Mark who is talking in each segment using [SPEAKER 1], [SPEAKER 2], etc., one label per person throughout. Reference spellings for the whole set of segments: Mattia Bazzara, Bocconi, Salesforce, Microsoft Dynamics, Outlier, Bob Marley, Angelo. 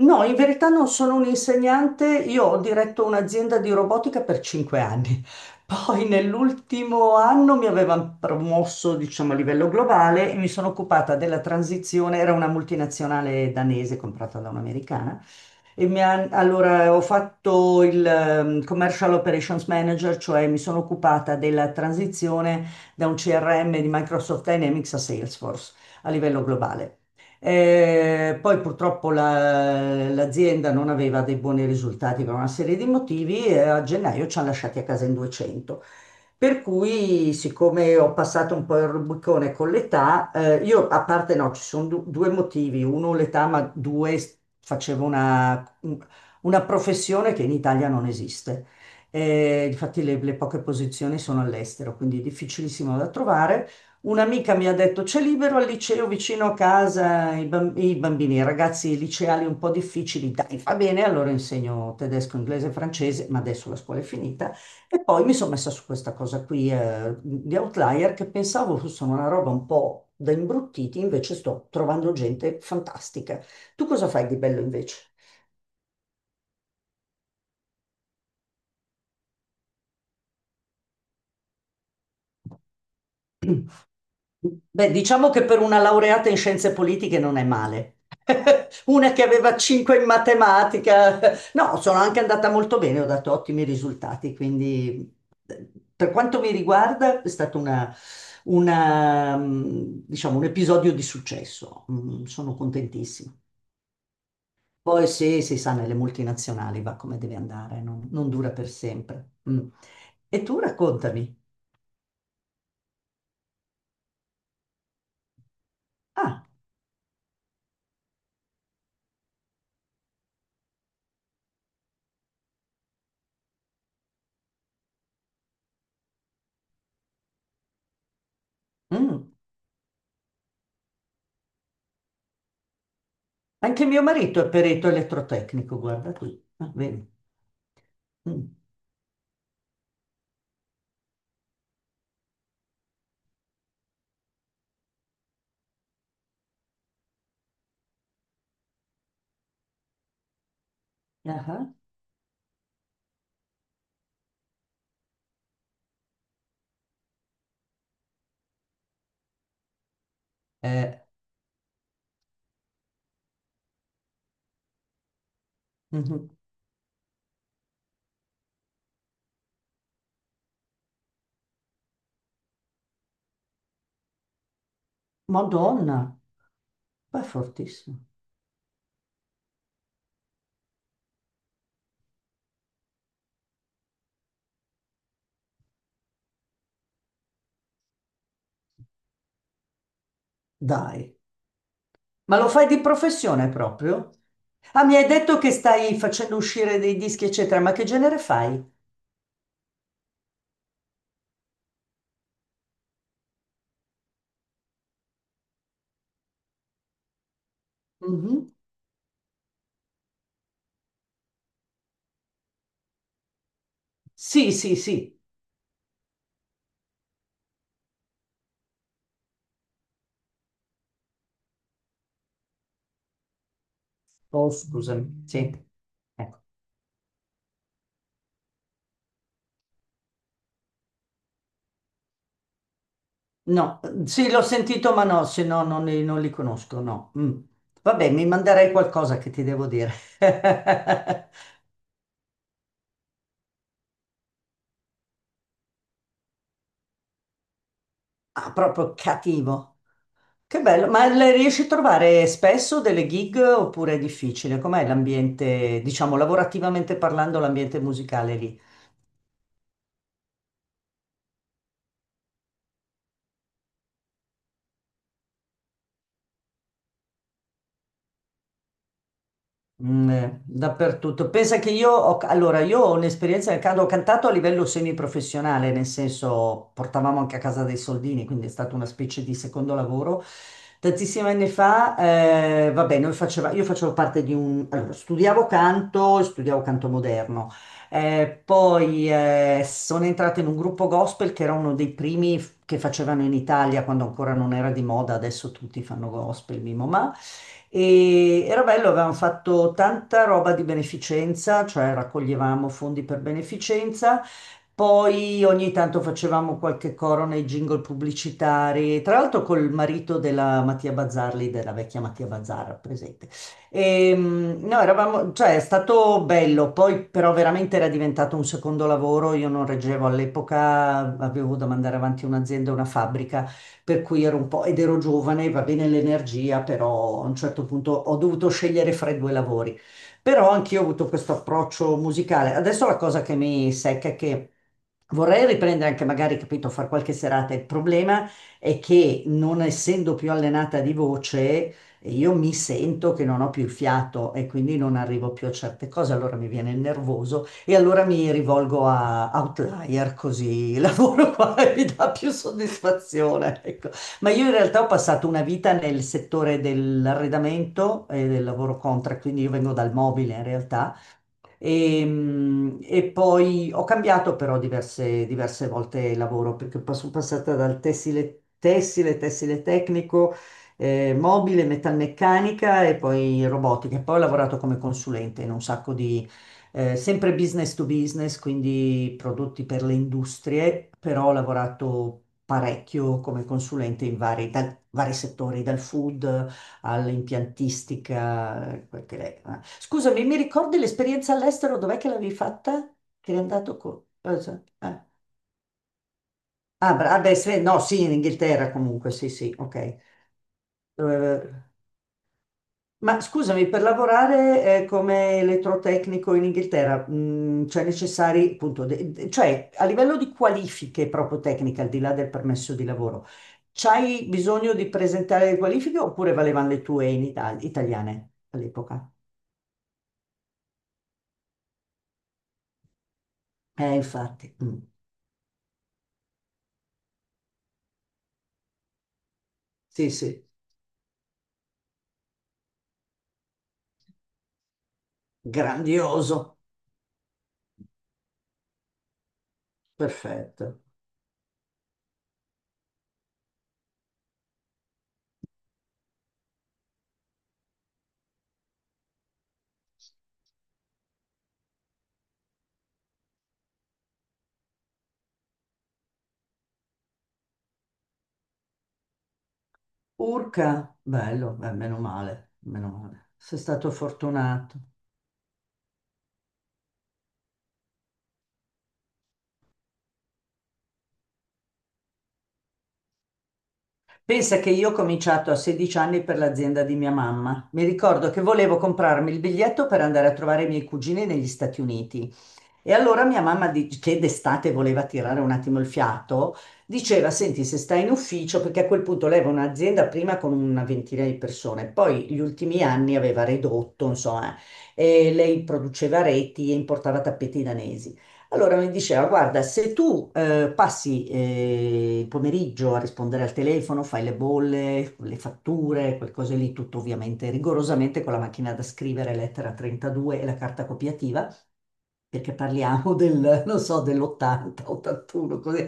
[SPEAKER 1] No, in verità non sono un insegnante, io ho diretto un'azienda di robotica per 5 anni. Poi nell'ultimo anno mi avevano promosso, diciamo, a livello globale e mi sono occupata della transizione, era una multinazionale danese comprata da un'americana. E mi ho fatto il Commercial Operations Manager, cioè mi sono occupata della transizione da un CRM di Microsoft Dynamics a Salesforce a livello globale. Poi purtroppo l'azienda non aveva dei buoni risultati per una serie di motivi e a gennaio ci hanno lasciati a casa in 200. Per cui, siccome ho passato un po' il Rubicone con l'età, io a parte no, ci sono due motivi. Uno l'età, ma due facevo una professione che in Italia non esiste. Infatti le poche posizioni sono all'estero, quindi è difficilissimo da trovare. Un'amica mi ha detto c'è libero al liceo vicino a casa, i bambini, i ragazzi liceali un po' difficili, dai, va bene, allora insegno tedesco, inglese, francese, ma adesso la scuola è finita. E poi mi sono messa su questa cosa qui, di Outlier, che pensavo fosse una roba un po' da imbruttiti, invece sto trovando gente fantastica. Tu cosa fai di bello invece? Beh, diciamo che per una laureata in scienze politiche non è male. Una che aveva 5 in matematica. No, sono anche andata molto bene, ho dato ottimi risultati, quindi eh, per quanto mi riguarda è stato una, diciamo, un episodio di successo. Sono contentissima. Poi sì, si sa, nelle multinazionali va come deve andare, non dura per sempre. Mm. E tu raccontami. Ah, mm. Anche mio marito è perito elettrotecnico, guarda qui. Ah, vedi. Mm. Ah, eh, mhm. Madonna, ma è fortissimo. Dai, ma lo fai di professione proprio? Ah, mi hai detto che stai facendo uscire dei dischi, eccetera, ma che genere fai? Mhm. Sì, sì, sì. Oh, scusami, sì. Ecco. No, sì, l'ho sentito, ma no, se no non li conosco, no. Mm. Vabbè, mi manderei qualcosa che ti devo dire. Ah, proprio cattivo. Che bello, ma le riesci a trovare spesso delle gig oppure è difficile? Com'è l'ambiente, diciamo, lavorativamente parlando, l'ambiente musicale lì? Dappertutto. Pensa che io ho, allora, io ho un'esperienza nel canto, ho cantato a livello semiprofessionale, nel senso portavamo anche a casa dei soldini, quindi è stata una specie di secondo lavoro. Tantissimi anni fa, vabbè, noi faceva, io facevo parte di un... Allora, studiavo canto moderno. Poi sono entrata in un gruppo gospel che era uno dei primi che facevano in Italia quando ancora non era di moda, adesso tutti fanno gospel, Mimo Ma. E era bello, avevamo fatto tanta roba di beneficenza, cioè raccoglievamo fondi per beneficenza. Poi ogni tanto facevamo qualche coro nei jingle pubblicitari, tra l'altro col marito della Mattia Bazzarli, della vecchia Mattia Bazzara, presente. No, eravamo, cioè è stato bello, poi però veramente era diventato un secondo lavoro, io non reggevo all'epoca, avevo da mandare avanti un'azienda, una fabbrica, per cui ero un po', ed ero giovane, va bene l'energia, però a un certo punto ho dovuto scegliere fra i due lavori. Però anch'io ho avuto questo approccio musicale. Adesso la cosa che mi secca è che vorrei riprendere anche magari, capito, far qualche serata. Il problema è che non essendo più allenata di voce, e io mi sento che non ho più il fiato e quindi non arrivo più a certe cose, allora mi viene il nervoso e allora mi rivolgo a Outlier così il lavoro qua e mi dà più soddisfazione. Ecco. Ma io in realtà ho passato una vita nel settore dell'arredamento e del lavoro contract, quindi io vengo dal mobile in realtà e e poi ho cambiato però diverse volte lavoro perché sono passata dal tessile, tessile tecnico, mobile, metalmeccanica e poi robotica. E poi ho lavorato come consulente in un sacco di, sempre business to business, quindi prodotti per le industrie, però ho lavorato parecchio come consulente in vari, vari settori, dal food all'impiantistica. Scusami, mi ricordi l'esperienza all'estero? Dov'è che l'avevi fatta? Che eri andato con... cosa? Ah, beh, no, sì, in Inghilterra comunque, sì, sì, ok. Dove- Ma scusami, per lavorare come elettrotecnico in Inghilterra, cioè necessari, appunto, cioè a livello di qualifiche proprio tecniche, al di là del permesso di lavoro, c'hai bisogno di presentare le qualifiche oppure valevano le tue in Italia, italiane all'epoca? Infatti, mm. Sì, sì, grandioso, perfetto. Urca, bello, meno male, meno male. Sei stato fortunato. Pensa che io ho cominciato a 16 anni per l'azienda di mia mamma. Mi ricordo che volevo comprarmi il biglietto per andare a trovare i miei cugini negli Stati Uniti. E allora mia mamma, che d'estate voleva tirare un attimo il fiato, diceva, senti, se stai in ufficio, perché a quel punto lei aveva un'azienda prima con una ventina di persone, poi gli ultimi anni aveva ridotto, insomma, e lei produceva reti e importava tappeti danesi. Allora mi diceva, guarda, se tu passi il pomeriggio a rispondere al telefono, fai le bolle, le fatture, quel cose lì, tutto ovviamente rigorosamente con la macchina da scrivere, lettera 32 e la carta copiativa, perché parliamo del, non so, dell'80, 81, così.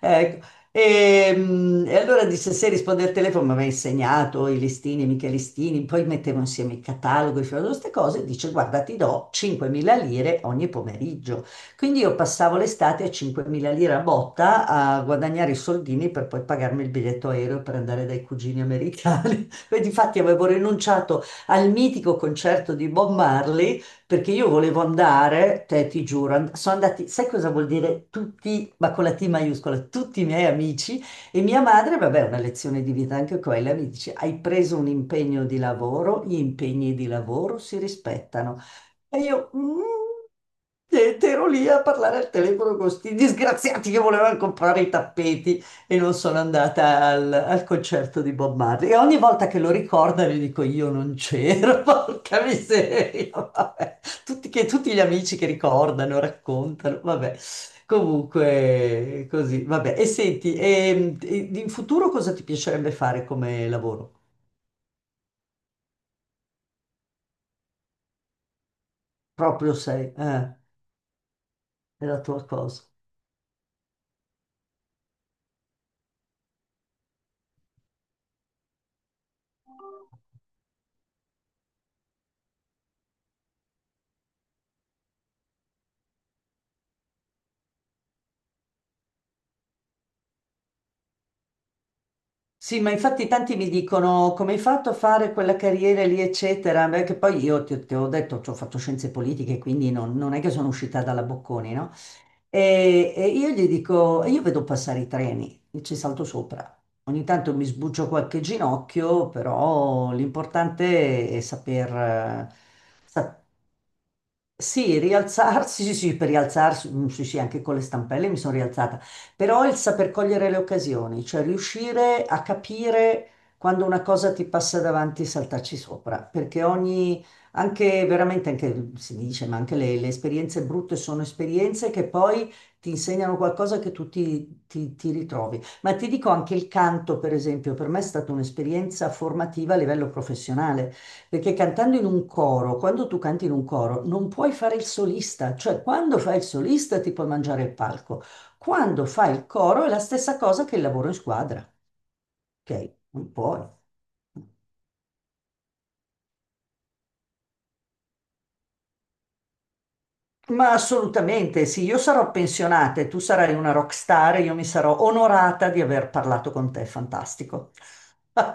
[SPEAKER 1] Ecco. E e allora disse, se risponde al telefono, mi aveva insegnato i listini, mica i listini, poi mettevo insieme i cataloghi, facevo queste cose, dice, guarda, ti do 5.000 lire ogni pomeriggio. Quindi io passavo l'estate a 5.000 lire a botta a guadagnare i soldini per poi pagarmi il biglietto aereo per andare dai cugini americani. E difatti avevo rinunciato al mitico concerto di Bob Marley perché io volevo andare, te ti giuro, sono andati, sai cosa vuol dire tutti, ma con la T maiuscola, tutti i miei amici e mia madre, vabbè, una lezione di vita anche quella, mi dice, hai preso un impegno di lavoro, gli impegni di lavoro si rispettano. E io, mm, e ero lì a parlare al telefono con questi disgraziati che volevano comprare i tappeti e non sono andata al concerto di Bob Marley. E ogni volta che lo ricorda gli dico io non c'ero, porca miseria, vabbè. Tutti gli amici che ricordano, raccontano, vabbè. Comunque, così, vabbè. E senti, e in futuro cosa ti piacerebbe fare come lavoro? Proprio sei, è la tua cosa. Sì, ma infatti tanti mi dicono come hai fatto a fare quella carriera lì, eccetera, perché poi io ti ho detto, ci ho fatto scienze politiche, quindi non, non è che sono uscita dalla Bocconi, no? E io gli dico, e io vedo passare i treni, e ci salto sopra. Ogni tanto mi sbuccio qualche ginocchio, però l'importante è saper, saper sì, rialzarsi, sì, sì, per rialzarsi, mm, sì, sì, anche con le stampelle mi sono rialzata, però il saper cogliere le occasioni, cioè riuscire a capire quando una cosa ti passa davanti e saltarci sopra, perché ogni, anche veramente, anche si dice, ma anche le esperienze brutte sono esperienze che poi ti insegnano qualcosa che tu ti ti ritrovi. Ma ti dico anche il canto, per esempio, per me è stata un'esperienza formativa a livello professionale perché cantando in un coro, quando tu canti in un coro, non puoi fare il solista, cioè quando fai il solista ti puoi mangiare il palco, quando fai il coro è la stessa cosa che il lavoro in squadra, ok? Non puoi. Ma assolutamente sì, io sarò pensionata e tu sarai una rockstar e io mi sarò onorata di aver parlato con te, fantastico.